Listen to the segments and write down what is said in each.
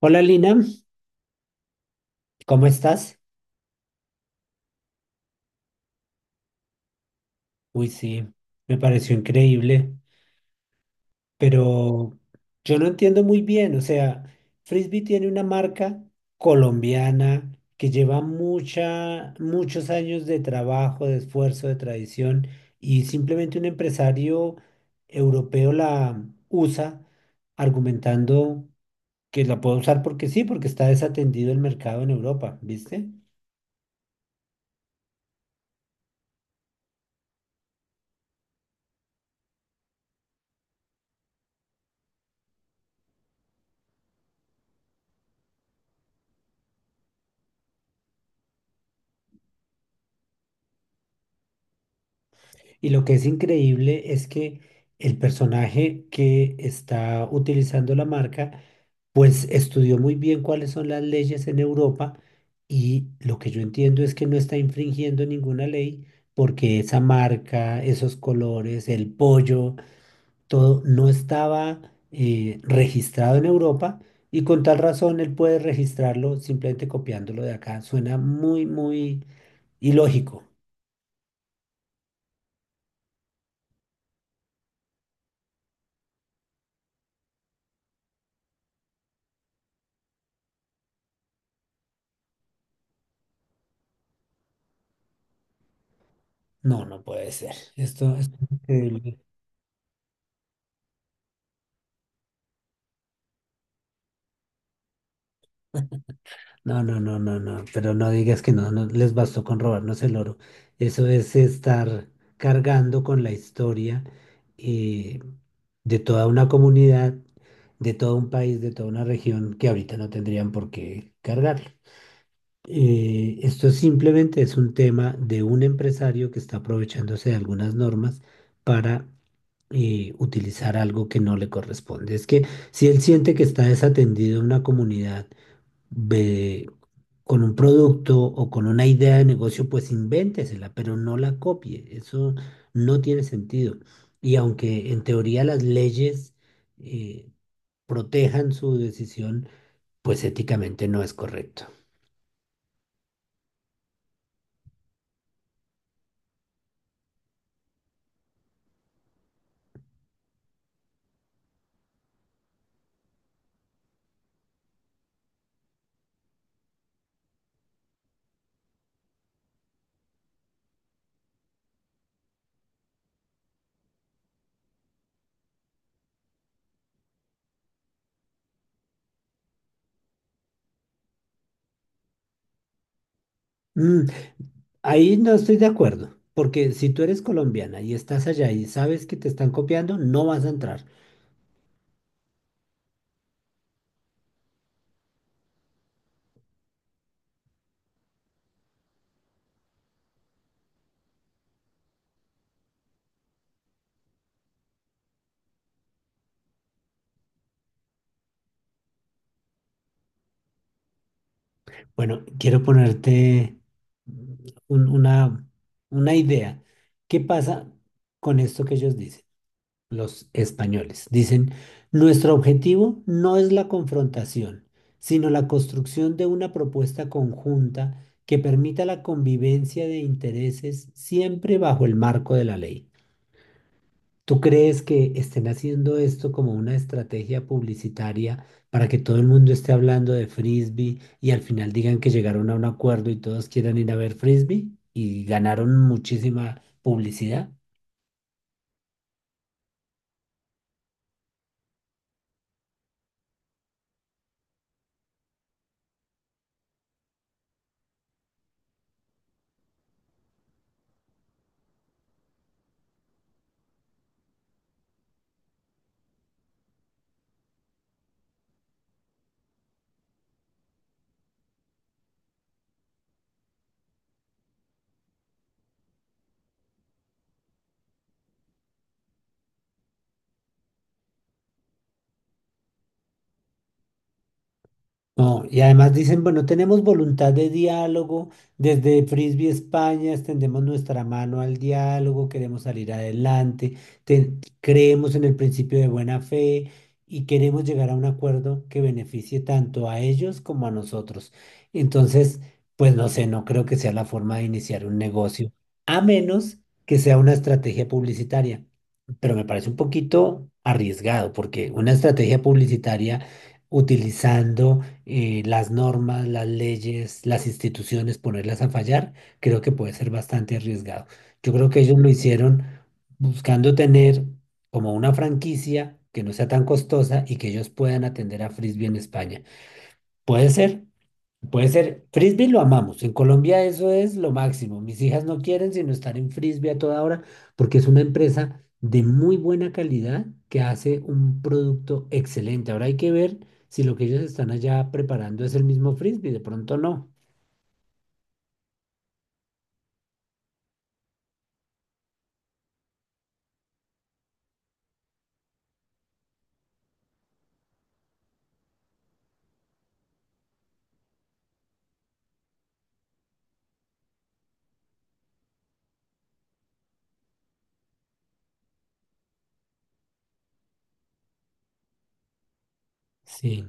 Hola Lina, ¿cómo estás? Uy, sí, me pareció increíble, pero yo no entiendo muy bien, o sea, Frisbee tiene una marca colombiana que lleva muchos años de trabajo, de esfuerzo, de tradición, y simplemente un empresario europeo la usa argumentando que la puede usar porque sí, porque está desatendido el mercado en Europa, ¿viste? Y lo que es increíble es que el personaje que está utilizando la marca, pues estudió muy bien cuáles son las leyes en Europa y lo que yo entiendo es que no está infringiendo ninguna ley porque esa marca, esos colores, el pollo, todo no estaba registrado en Europa y con tal razón él puede registrarlo simplemente copiándolo de acá. Suena muy ilógico. No, no puede ser. Esto es increíble. No, no, no, no, no, pero no digas que no, no les bastó con robarnos el oro. Eso es estar cargando con la historia eh, de toda una comunidad, de todo un país, de toda una región que ahorita no tendrían por qué cargarlo. Esto simplemente es un tema de un empresario que está aprovechándose de algunas normas para utilizar algo que no le corresponde. Es que si él siente que está desatendido en una comunidad, ve, con un producto o con una idea de negocio, pues invéntesela, pero no la copie. Eso no tiene sentido. Y aunque en teoría las leyes eh, protejan su decisión, pues éticamente no es correcto. Mm, ahí no estoy de acuerdo, porque si tú eres colombiana y estás allá y sabes que te están copiando, no vas a entrar. Bueno, quiero ponerte mm, un- una, una idea. ¿Qué pasa con esto que ellos dicen? Los españoles. Dicen, nuestro objetivo no es la confrontación, sino la construcción de una propuesta conjunta que permita la convivencia de intereses siempre bajo el marco de la ley. ¿Tú crees que estén haciendo esto como una estrategia publicitaria para que todo el mundo esté hablando de frisbee y al final digan que llegaron a un acuerdo y todos quieran ir a ver frisbee y ganaron muchísima publicidad? No, y además dicen, bueno, tenemos voluntad de diálogo, desde Frisbee España extendemos nuestra mano al diálogo, queremos salir adelante, creemos en el principio de buena fe y queremos llegar a un acuerdo que beneficie tanto a ellos como a nosotros. Entonces, pues no sé, no creo que sea la forma de iniciar un negocio, a menos que sea una estrategia publicitaria. Pero me parece un poquito arriesgado, porque una estrategia publicitaria utilizando las normas, las leyes, las instituciones, ponerlas a fallar, creo que puede ser bastante arriesgado. Yo creo que ellos lo hicieron buscando tener como una franquicia que no sea tan costosa y que ellos puedan atender a Frisbee en España. ¿Puede ser? Puede ser, frisbee lo amamos. En Colombia eso es lo máximo. Mis hijas no quieren sino estar en frisbee a toda hora porque es una empresa de muy buena calidad que hace un producto excelente. Ahora hay que ver si lo que ellos están allá preparando es el mismo frisbee. De pronto no. Sí.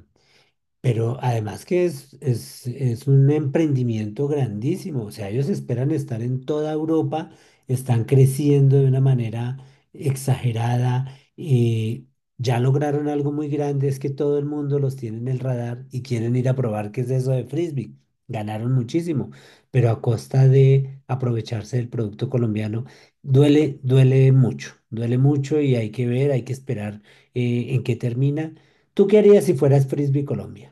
Pero además que es un emprendimiento grandísimo, o sea, ellos esperan estar en toda Europa, están creciendo de una manera exagerada y ya lograron algo muy grande, es que todo el mundo los tiene en el radar y quieren ir a probar qué es eso de frisbee. Ganaron muchísimo, pero a costa de aprovecharse del producto colombiano, duele, duele mucho y hay que ver, hay que esperar en qué termina. ¿Tú qué harías si fueras Frisbee Colombia?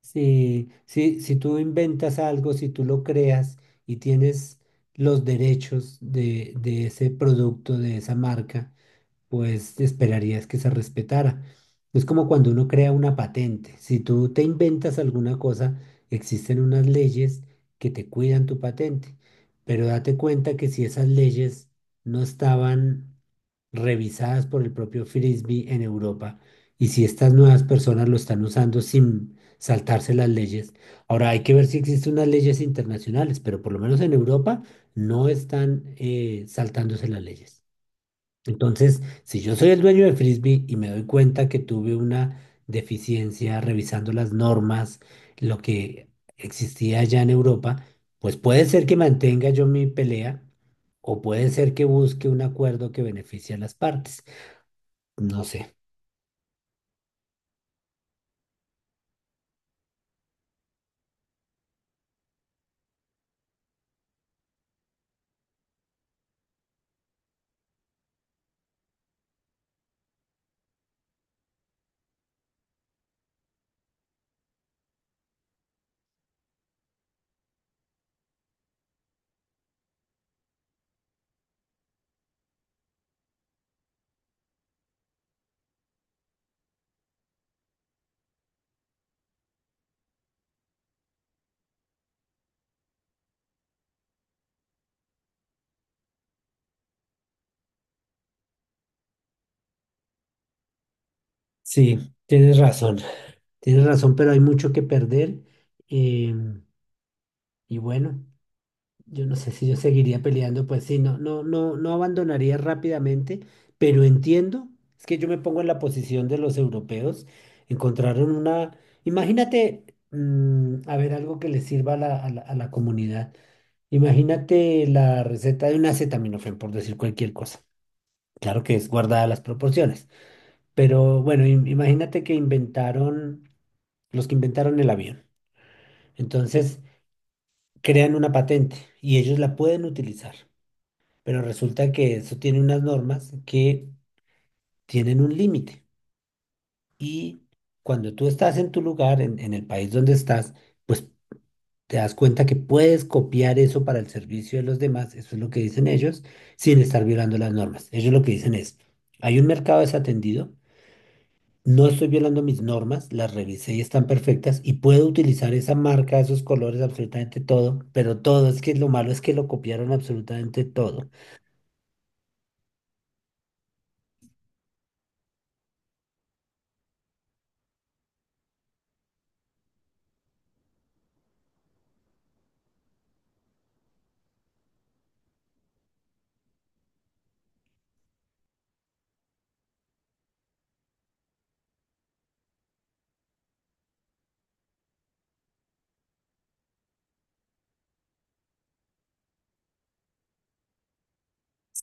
Sí, sí, si tú inventas algo, si tú lo creas y tienes los derechos de ese producto, de esa marca, pues esperarías que se respetara. Es como cuando uno crea una patente. Si tú te inventas alguna cosa, existen unas leyes que te cuidan tu patente, pero date cuenta que si esas leyes no estaban revisadas por el propio Frisbee en Europa y si estas nuevas personas lo están usando sin saltarse las leyes, ahora hay que ver si existen unas leyes internacionales, pero por lo menos en Europa no están saltándose las leyes. Entonces, si yo soy el dueño de Frisbee y me doy cuenta que tuve una deficiencia revisando las normas, lo que existía allá en Europa, pues puede ser que mantenga yo mi pelea o puede ser que busque un acuerdo que beneficie a las partes. No sé. Sí, tienes razón. Tienes razón, pero hay mucho que perder. em, y bueno. Yo no sé si yo seguiría peleando, pues sí, no, no, no, no abandonaría rápidamente, pero entiendo, es que yo me pongo en la posición de los europeos, encontraron una, imagínate, mm, a ver, algo que les sirva a a la comunidad. Imagínate la receta de un acetaminofén, por decir cualquier cosa. Claro que es guardada las proporciones, pero bueno, imagínate que inventaron, los que inventaron el avión. Entonces, crean una patente y ellos la pueden utilizar. Pero resulta que eso tiene unas normas que tienen un límite. Y cuando tú estás en tu lugar, en el país donde estás, pues te das cuenta que puedes copiar eso para el servicio de los demás, eso es lo que dicen ellos, sin estar violando las normas. Ellos lo que dicen es, hay un mercado desatendido, no estoy violando mis normas, las revisé y están perfectas, y puedo utilizar esa marca, esos colores, absolutamente todo, pero todo, es que lo malo es que lo copiaron absolutamente todo.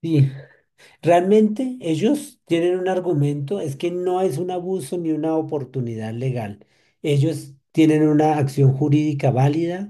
Sí, realmente ellos tienen un argumento, es que no es un abuso ni una oportunidad legal. Ellos tienen una acción jurídica válida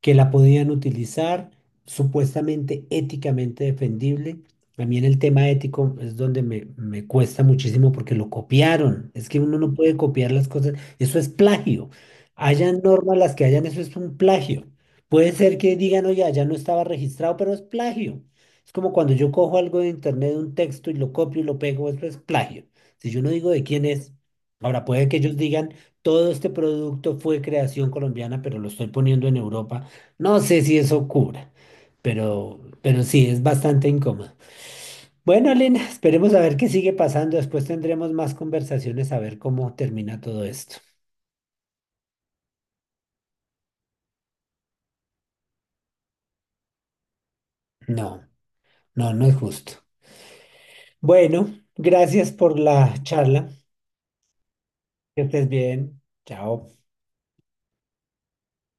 que la podían utilizar, supuestamente éticamente defendible. A mí en el tema ético es donde me cuesta muchísimo porque lo copiaron. Es que uno no puede copiar las cosas. Eso es plagio. Hayan normas las que hayan, eso es un plagio. Puede ser que digan, oye, ya no estaba registrado, pero es plagio. Es como cuando yo cojo algo de internet, un texto y lo copio y lo pego, eso es plagio. Si yo no digo de quién es, ahora puede que ellos digan, todo este producto fue creación colombiana, pero lo estoy poniendo en Europa. No sé si eso cubra, pero sí, es bastante incómodo. Bueno, Lina, esperemos a ver qué sigue pasando. Después tendremos más conversaciones a ver cómo termina todo esto. No, no, no es justo. Bueno, gracias por la charla. Que estés bien. Chao.